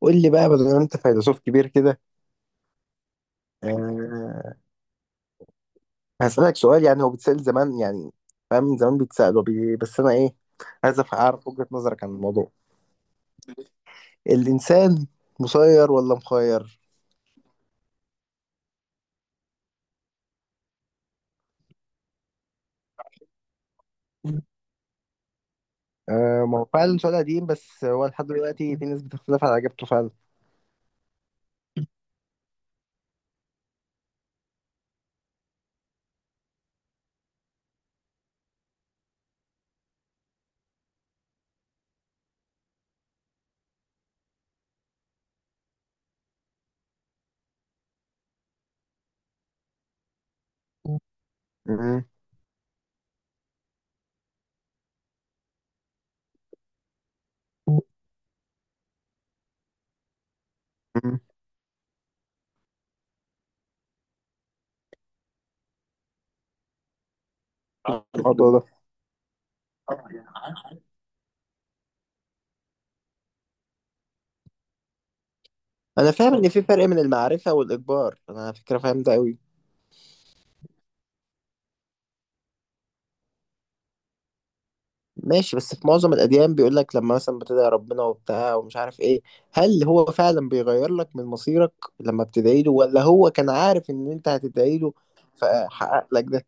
قول لي بقى بدل ما انت فيلسوف كبير كده، أه هسألك سؤال. يعني هو بيتسأل زمان، يعني فاهم، من زمان بيتسأل بس انا ايه، عايز اعرف وجهة نظرك عن الموضوع. الانسان مسير ولا مخير؟ أه، ما هو فعلا سؤال قديم، بس هو لحد دلوقتي في ناس بتختلف على اجابته فعلا. مم. مم. الموضوع ده، انا فاهم ان في فرق من المعرفة والاجبار، انا على فكرة فاهم ده قوي. ماشي، بس في معظم الأديان بيقول لك لما مثلا بتدعي ربنا وبتاع ومش عارف إيه، هل هو فعلا بيغير لك من مصيرك لما بتدعي له، ولا هو كان عارف إن أنت هتدعي له فحقق لك ده؟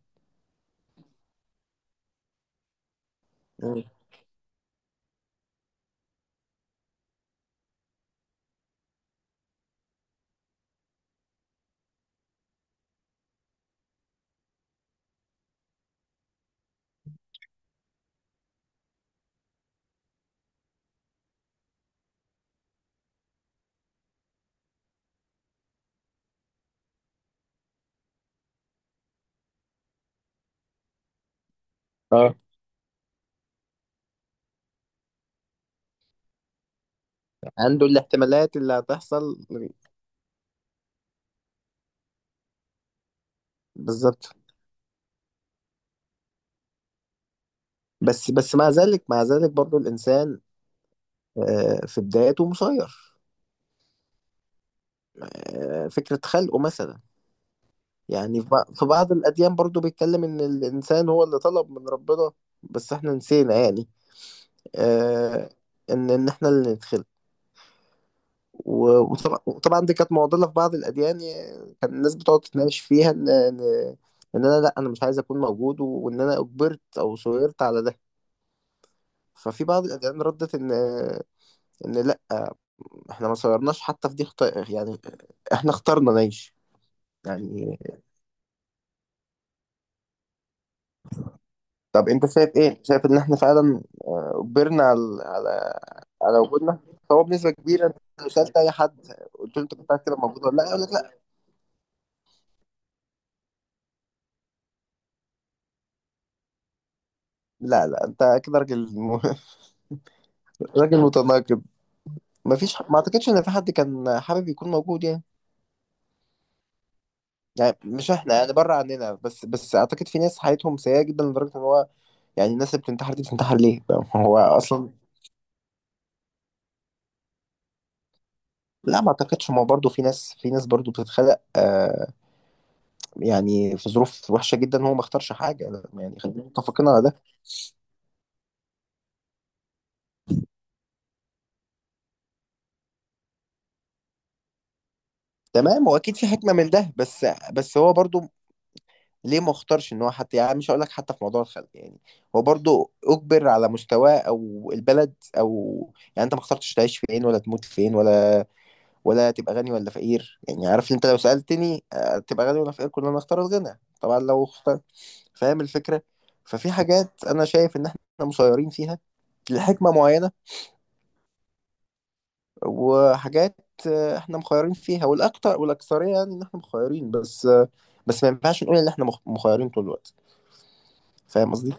مم. اه، عنده الاحتمالات اللي هتحصل. بالظبط، بس بس مع ذلك برضو الإنسان آه، في بدايته مسير. آه، فكرة خلقه مثلا، يعني في بعض الأديان برضو بيتكلم إن الإنسان هو اللي طلب من ربنا، بس إحنا نسينا، يعني آه، ان احنا اللي ندخل. وطبعاً دي كانت معضله في بعض الاديان، يعني كان الناس بتقعد تتناقش فيها ان ان إن انا، لا انا مش عايز اكون موجود، وان انا اجبرت او صغرت على ده. ففي بعض الاديان ردت ان ان لا، احنا ما صغرناش حتى في دي يعني احنا اخترنا نعيش، يعني. طب انت شايف ايه؟ شايف ان احنا فعلا آه، اجبرنا على على وجودنا؟ هو بنسبه كبيره انت لو سالت اي حد، قلت له انت كنت عايز تبقى موجود ولا لا، يقول لك لا. لا لا، انت كده راجل راجل متناقض. ما فيش، ما اعتقدش ان في حد كان حابب يكون موجود، يعني يعني مش احنا، يعني بره عننا، بس بس اعتقد في ناس حياتهم سيئه جدا لدرجه ان هو، يعني الناس اللي بتنتحر دي بتنتحر ليه؟ فاهم؟ هو اصلا لا، ما اعتقدش، ما هو برضه في ناس، في ناس برضه بتتخلق آه يعني في ظروف وحشه جدا، هو ما اختارش حاجه، لا، يعني خلينا متفقين على ده. تمام، هو اكيد في حكمه من ده، بس بس هو برضه ليه ما اختارش ان هو؟ حتى يعني مش هقول لك حتى في موضوع الخلق، يعني هو برضو اجبر على مستواه او البلد او، يعني انت ما اخترتش تعيش فين ولا تموت فين، ولا ولا تبقى غني ولا فقير، يعني عارف انت لو سألتني آه، تبقى غني ولا فقير، كلنا نختار الغنى طبعا لو اختار. فاهم الفكرة؟ ففي حاجات انا شايف ان احنا مسيرين فيها لحكمة معينة، وحاجات آه، احنا مخيرين فيها، والاكتر والاكثرية يعني ان احنا مخيرين، بس آه، بس ما ينفعش نقول ان احنا مخيرين طول الوقت. فاهم قصدي؟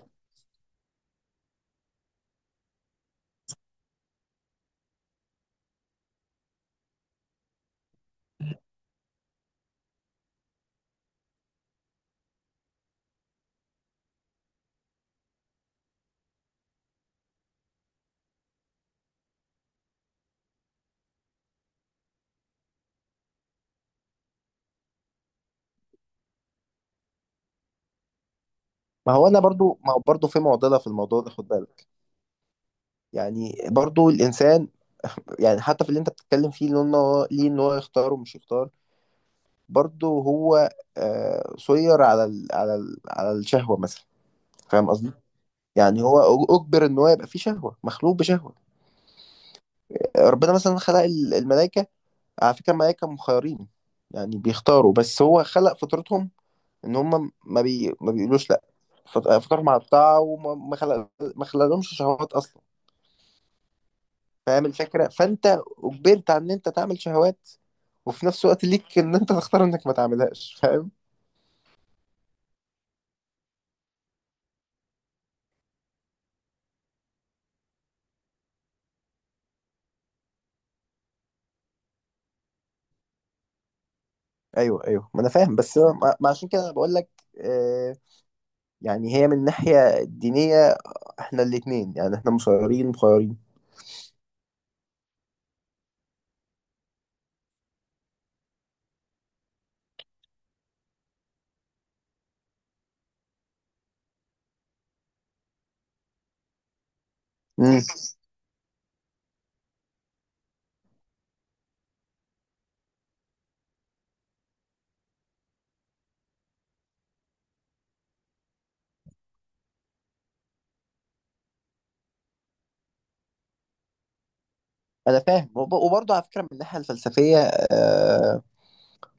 ما هو انا برضو، ما هو برضو في معضله في الموضوع ده، خد بالك يعني برضو الانسان يعني حتى في اللي انت بتتكلم فيه، اللي إن هو ليه ان هو يختار ومش يختار، برضو هو آه، سير على ال على ال على الشهوه مثلا. فاهم قصدي؟ يعني هو اجبر ان هو يبقى فيه شهوه، مخلوق بشهوه. ربنا مثلا خلق الملائكه، على فكره الملائكه مخيرين، يعني بيختاروا، بس هو خلق فطرتهم ان هم ما بيقولوش لا. فطرهم على الطاعه، وما ما خلق، ما خلقلهمش شهوات اصلا. فاهم الفكرة؟ فانت اجبرت على ان انت تعمل شهوات، وفي نفس الوقت ليك ان انت تختار انك ما تعملهاش. فاهم؟ ايوه ايوه، ما انا فاهم، بس ما عشان كده أنا بقول لك آه. يعني هي من الناحية الدينية، احنا الاتنين يعني، احنا مصيرين مخيرين. امم، انا فاهم، وبرضه على فكرة من الناحية الفلسفية آه،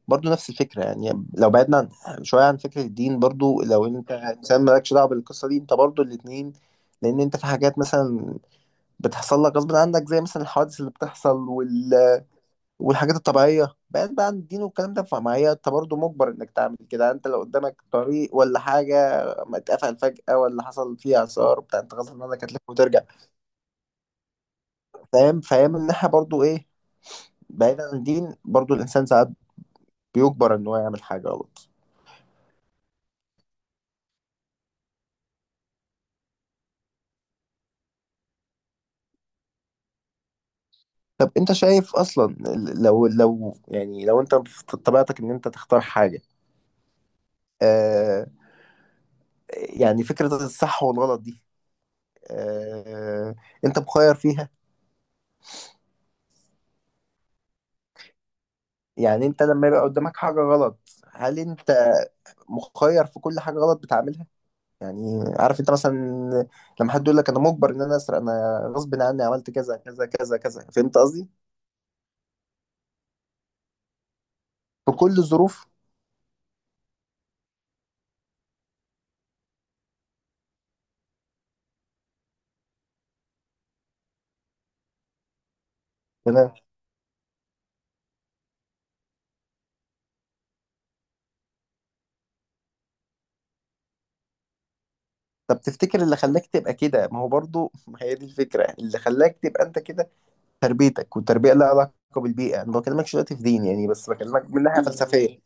برضه نفس الفكرة، يعني لو بعدنا عن شوية عن فكرة الدين، برضه لو انت انسان مالكش دعوة بالقصة دي، انت برضه الاتنين، لان انت في حاجات مثلا بتحصل لك غصب عنك، زي مثلا الحوادث اللي بتحصل والحاجات الطبيعية، بعيد بقى عن الدين والكلام ده، فمعايا انت برضه مجبر انك تعمل كده. انت لو قدامك طريق ولا حاجة ما اتقفل فجأة، ولا حصل فيه اثار بتاع، انت غصب عنك هتلف وترجع. فاهم الناحية برضه ايه، بعيد عن الدين برضه الانسان ساعات بيجبر ان هو يعمل حاجة غلط. طب انت شايف اصلا، لو لو، يعني لو انت في طبيعتك ان انت تختار حاجة آه، يعني فكرة الصح والغلط دي آه، انت مخير فيها؟ يعني انت لما يبقى قدامك حاجة غلط، هل انت مخير في كل حاجة غلط بتعملها؟ يعني عارف انت مثلا لما حد يقول لك انا مجبر ان انا اسرق، انا غصب عني عملت كذا كذا كذا كذا، فهمت قصدي؟ في كل الظروف؟ تمام. طب تفتكر اللي خلاك تبقى كده، ما هو برضو ما هي دي الفكرة، اللي خلاك تبقى انت كده، تربيتك. والتربية لها علاقة بالبيئة، انا ما بكلمكش دلوقتي في دين يعني، بس بكلمك من ناحية فلسفية.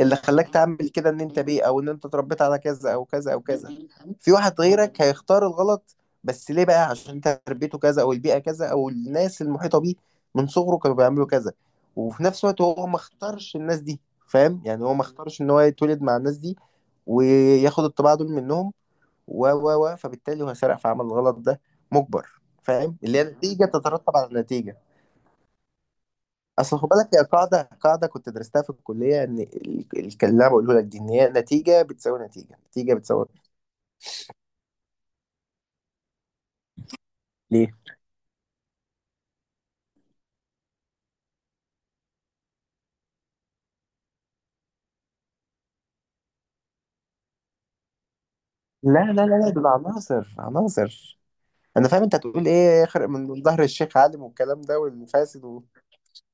اللي خلاك تعمل كده ان انت بيه، او ان انت اتربيت على كذا او كذا او كذا. في واحد غيرك هيختار الغلط، بس ليه بقى؟ عشان انت تربيته كذا، او البيئة كذا، او الناس المحيطة بيه من صغره كانوا بيعملوا كذا. وفي نفس الوقت هو ما اختارش الناس دي، فاهم؟ يعني هو ما اختارش ان هو يتولد مع الناس دي وياخد الطباع دول منهم، و فبالتالي هو سرق في عمل الغلط ده مجبر. فاهم؟ اللي هي نتيجة تترتب على نتيجة. اصل خد بالك، هي قاعده، قاعده كنت درستها في الكليه، ان اللي انا بقوله لك دي، ان هي نتيجه بتساوي نتيجه، نتيجه بتساوي ليه. لا لا لا لا، دول عناصر، عناصر انا فاهم انت هتقول ايه، خرق من ظهر الشيخ عالم والكلام ده والفاسد و...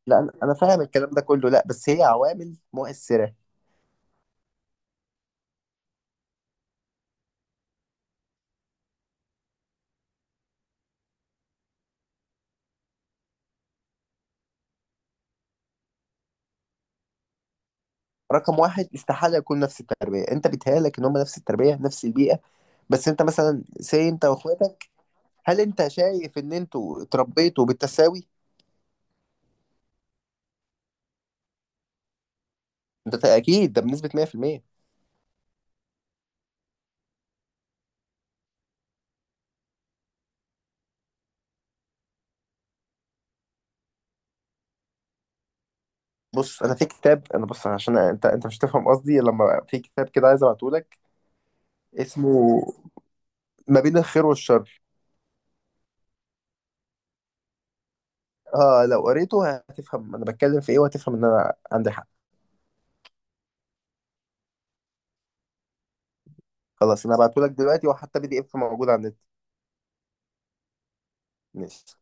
لا انا، أنا فاهم الكلام ده كله، لا بس هي عوامل مؤثره. رقم واحد، استحاله يكون نفس التربيه، انت بيتهيألك ان هم نفس التربيه نفس البيئه، بس انت مثلا سي انت واخواتك، هل انت شايف ان انتوا اتربيتوا بالتساوي؟ انت اكيد ده بنسبه 100%. بص انا في كتاب، انا بص عشان انت انت مش هتفهم قصدي لما، في كتاب كده عايز ابعته لك، اسمه ما بين الخير والشر. اه لو قريته هتفهم انا بتكلم في ايه، وهتفهم ان انا عندي حق. خلاص انا هبعته لك دلوقتي، وحتى بي دي اف موجود على النت. ماشي.